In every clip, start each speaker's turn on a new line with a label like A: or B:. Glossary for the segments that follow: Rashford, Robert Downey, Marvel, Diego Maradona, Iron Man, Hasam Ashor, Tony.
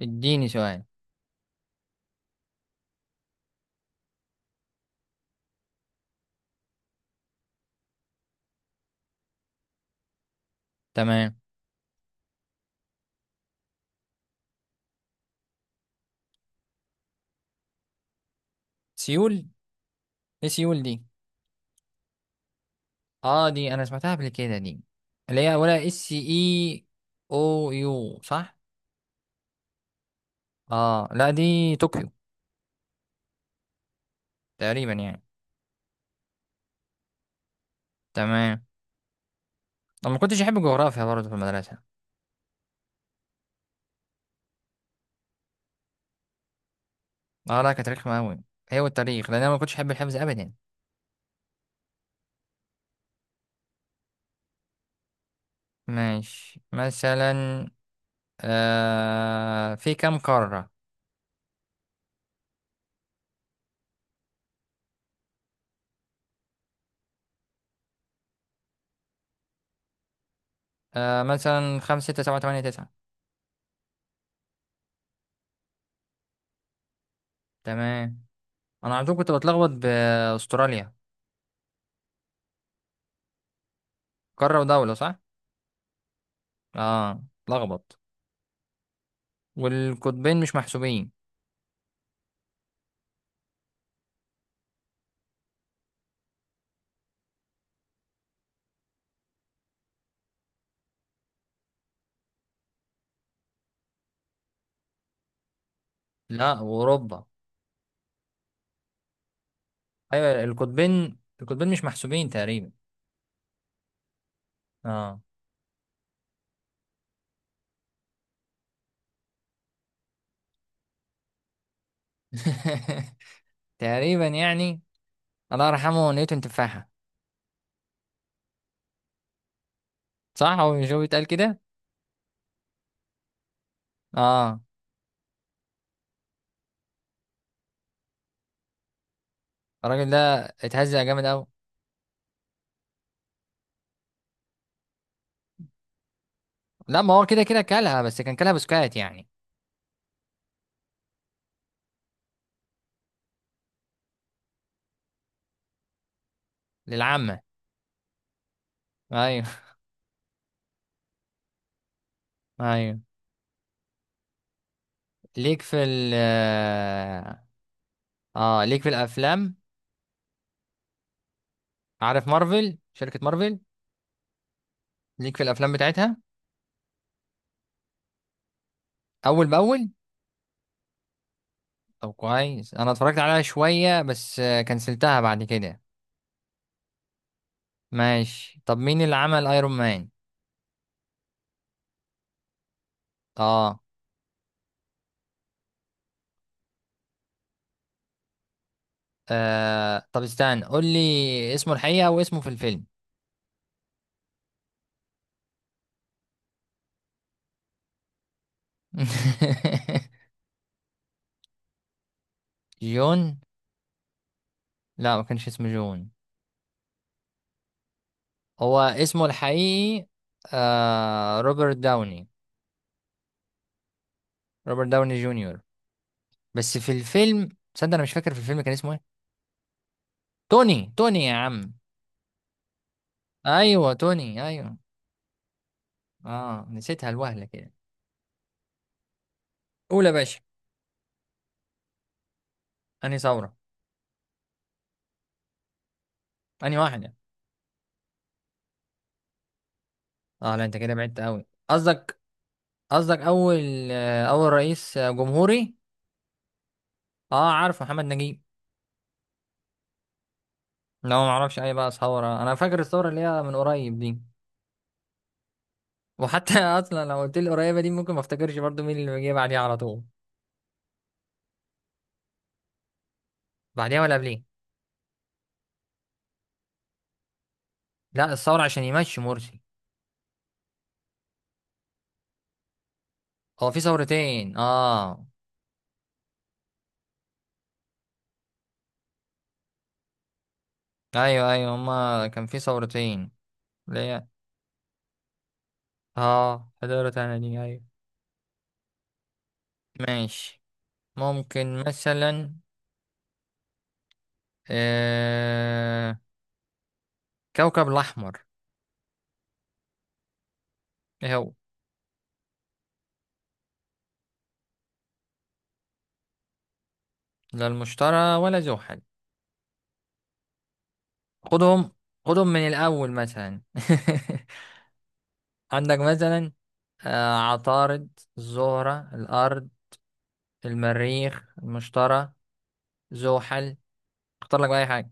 A: اديني سؤال. تمام. سيول. ايه سيول دي؟ اه، دي انا سمعتها قبل كده دي، اللي هي ولا اس اي او يو. صح. اه لا، دي طوكيو. تقريبا يعني. تمام. انا ما كنتش احب الجغرافيا برضه في المدرسه. اه لا، كانت رخمه قوي، هي والتاريخ، لان انا ما كنتش احب الحفظ ابدا. ماشي، مثلا في كام قاره. مثلا خمسة ستة سبعة تمانية تسعة. تمام، انا على طول كنت بتلخبط باستراليا. قاره ودوله، صح؟ اه. لخبط. والقطبين مش محسوبين. لا، واوروبا. ايوه، القطبين مش محسوبين تقريبا. اه. تقريبا يعني. الله يرحمه نيوتن، تفاحة. صح، هو مش هو بيتقال كده؟ اه. الراجل ده اتهزق جامد قوي. لا، ما هو كده كده كلها، بس كان كلها بسكات يعني. للعامة. ايوه. ايوه. ليك في ال اه آه، ليك في الافلام. عارف مارفل، شركة مارفل؟ ليك في الافلام بتاعتها؟ اول باول. طب كويس، انا اتفرجت عليها شوية بس كنسلتها بعد كده. ماشي. طب مين اللي عمل ايرون مان؟ اه. طب استنى، قول لي اسمه الحقيقة واسمه في الفيلم. جون؟ لا، ما كانش اسمه جون. هو اسمه الحقيقي آه روبرت داوني، روبرت داوني جونيور. بس في الفيلم، تصدق انا مش فاكر في الفيلم كان اسمه ايه. توني يا عم. ايوه توني، ايوه. اه نسيتها الوهلة كده. قول يا باشا. انهي ثورة؟ انهي واحدة؟ اه لا، انت كده بعدت قوي. قصدك، قصدك اول اول رئيس جمهوري؟ اه، عارف، محمد نجيب. لو ما اعرفش اي بقى ثوره، انا فاكر الثوره اللي هي من قريب دي. وحتى اصلا لو قلت لي قريبه دي ممكن ما افتكرش برضو مين اللي جه بعديها على طول. بعديها ولا قبليه؟ لا، الثوره عشان يمشي مرسي. هو في ثورتين، اه. ايوه ايوه، هما كان في ثورتين، اللي هي، اه حضرت انا دي، ايوه. ماشي. ممكن مثلا آه... كوكب الاحمر، ايه هو؟ لا المشترى ولا زحل. خدهم، خدهم من الأول مثلا. عندك مثلا عطارد، الزهرة، الأرض، المريخ، المشتري، زحل. اختار لك بقى أي حاجة.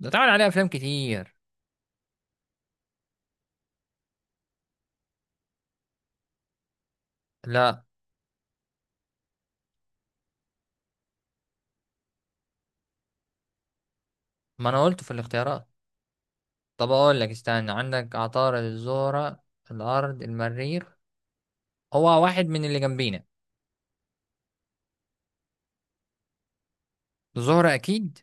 A: ده تعال عليه أفلام كتير. لا، ما أنا قلت في الاختيارات. طب أقول لك، استنى، عندك عطارد، الزهرة، الأرض، المريخ. هو واحد من اللي جنبينا. الزهرة أكيد.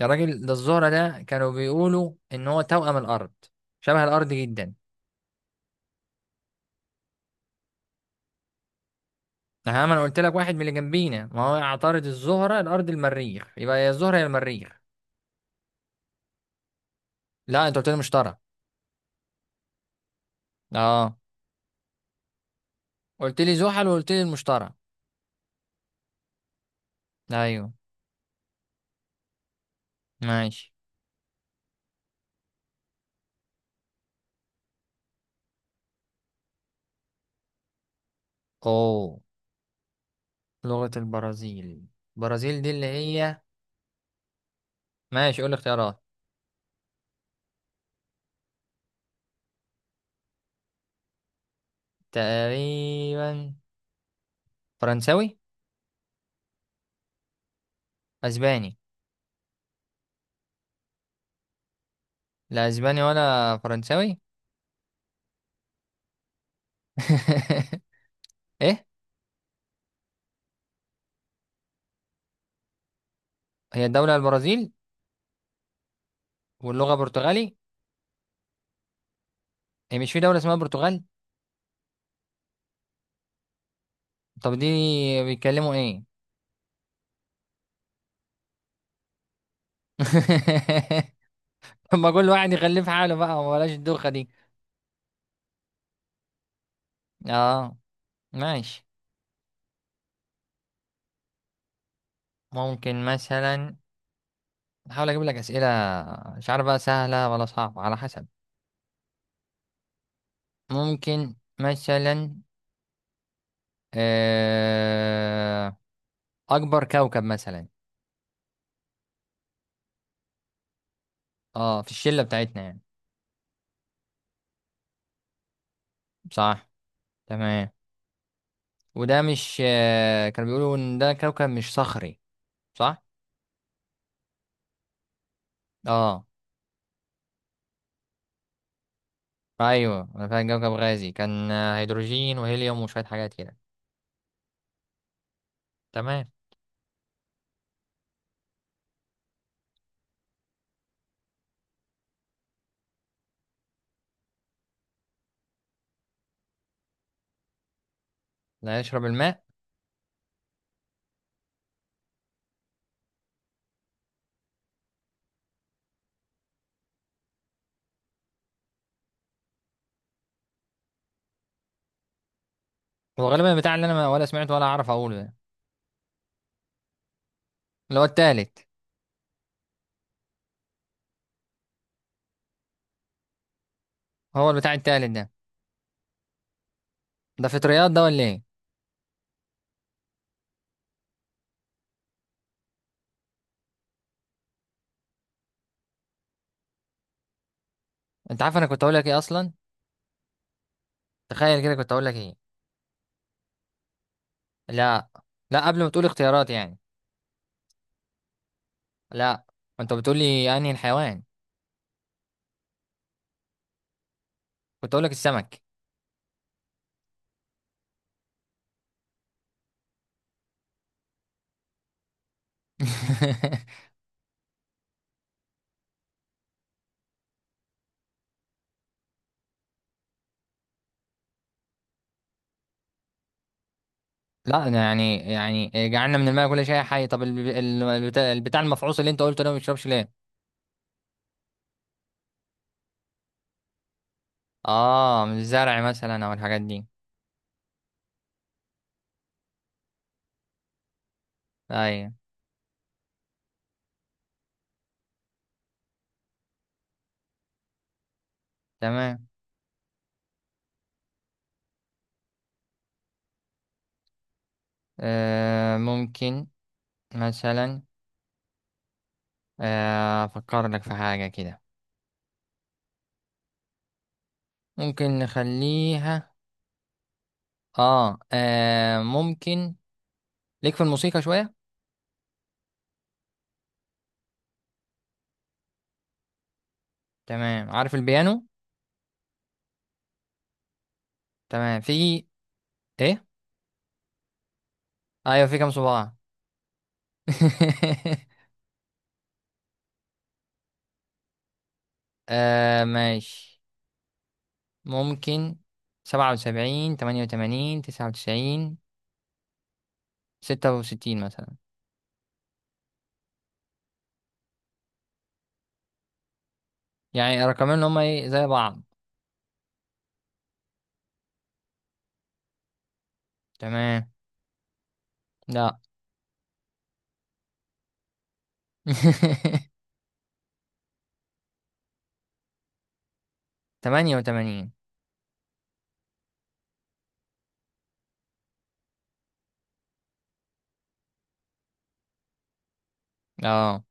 A: يا راجل، ده الزهرة ده كانوا بيقولوا إن هو توأم الأرض، شبه الأرض جدا. ها، ما انا قلت لك واحد من اللي جنبينا، ما هو عطارد، الزهره، الارض، المريخ، يبقى يا الزهره يا المريخ. لا، انت قلت لي المشتري. اه، قلت لي زحل وقلت لي المشتري. ايوه. ماشي. اوه، لغه البرازيل. البرازيل دي اللي هي، ماشي قول لي اختيارات. تقريبا فرنساوي. اسباني. لا اسباني ولا فرنساوي. ايه؟ هي الدوله البرازيل، واللغه برتغالي؟ هي مش في دوله اسمها برتغال؟ طب دي بيتكلموا ايه؟ ما كل واحد يخليه في حاله بقى، وبلاش الدوخة دي. اه. ماشي. ممكن مثلا احاول اجيب لك اسئلة، مش عارف بقى سهلة ولا صعبة على حسب. ممكن مثلا، آه، اكبر كوكب مثلا. اه، في الشلة بتاعتنا يعني. صح. تمام. وده مش كانوا بيقولوا ان ده كوكب مش صخري؟ صح. اه. ايوه، انا فاهم، كوكب غازي، كان هيدروجين وهيليوم وشوية حاجات كده. تمام. لا يشرب الماء. هو غالبا البتاع اللي انا ولا سمعته ولا اعرف اقوله ده، اللي هو التالت. هو البتاع التالت ده. ده فطريات ده ولا ايه؟ انت عارف انا كنت اقول لك ايه اصلا؟ تخيل كده، كنت اقول لك ايه؟ لا. لا قبل ما تقول اختيارات يعني. لا، انت بتقول لي انهي الحيوان. كنت اقول لك السمك. لا أنا يعني جعلنا من الماء كل شيء حي. طب البتاع المفعوص اللي انت قلته ده ما بيشربش ليه؟ اه، من الزرع مثلا او الحاجات دي. ايوه. تمام. آه ممكن، مثلا، افكر لك في حاجة كده. ممكن نخليها، ممكن، ليك في الموسيقى شوية. تمام، عارف البيانو. تمام. في ايه؟ ايوه، في كام صباع. آه ماشي. ممكن، 77، 88، 99، 66 مثلا. يعني رقمين اللي هما ايه زي بعض. تمام. لا. 88. اه.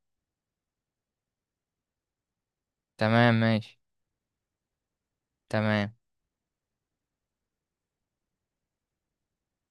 A: تمام. ماشي. تمام.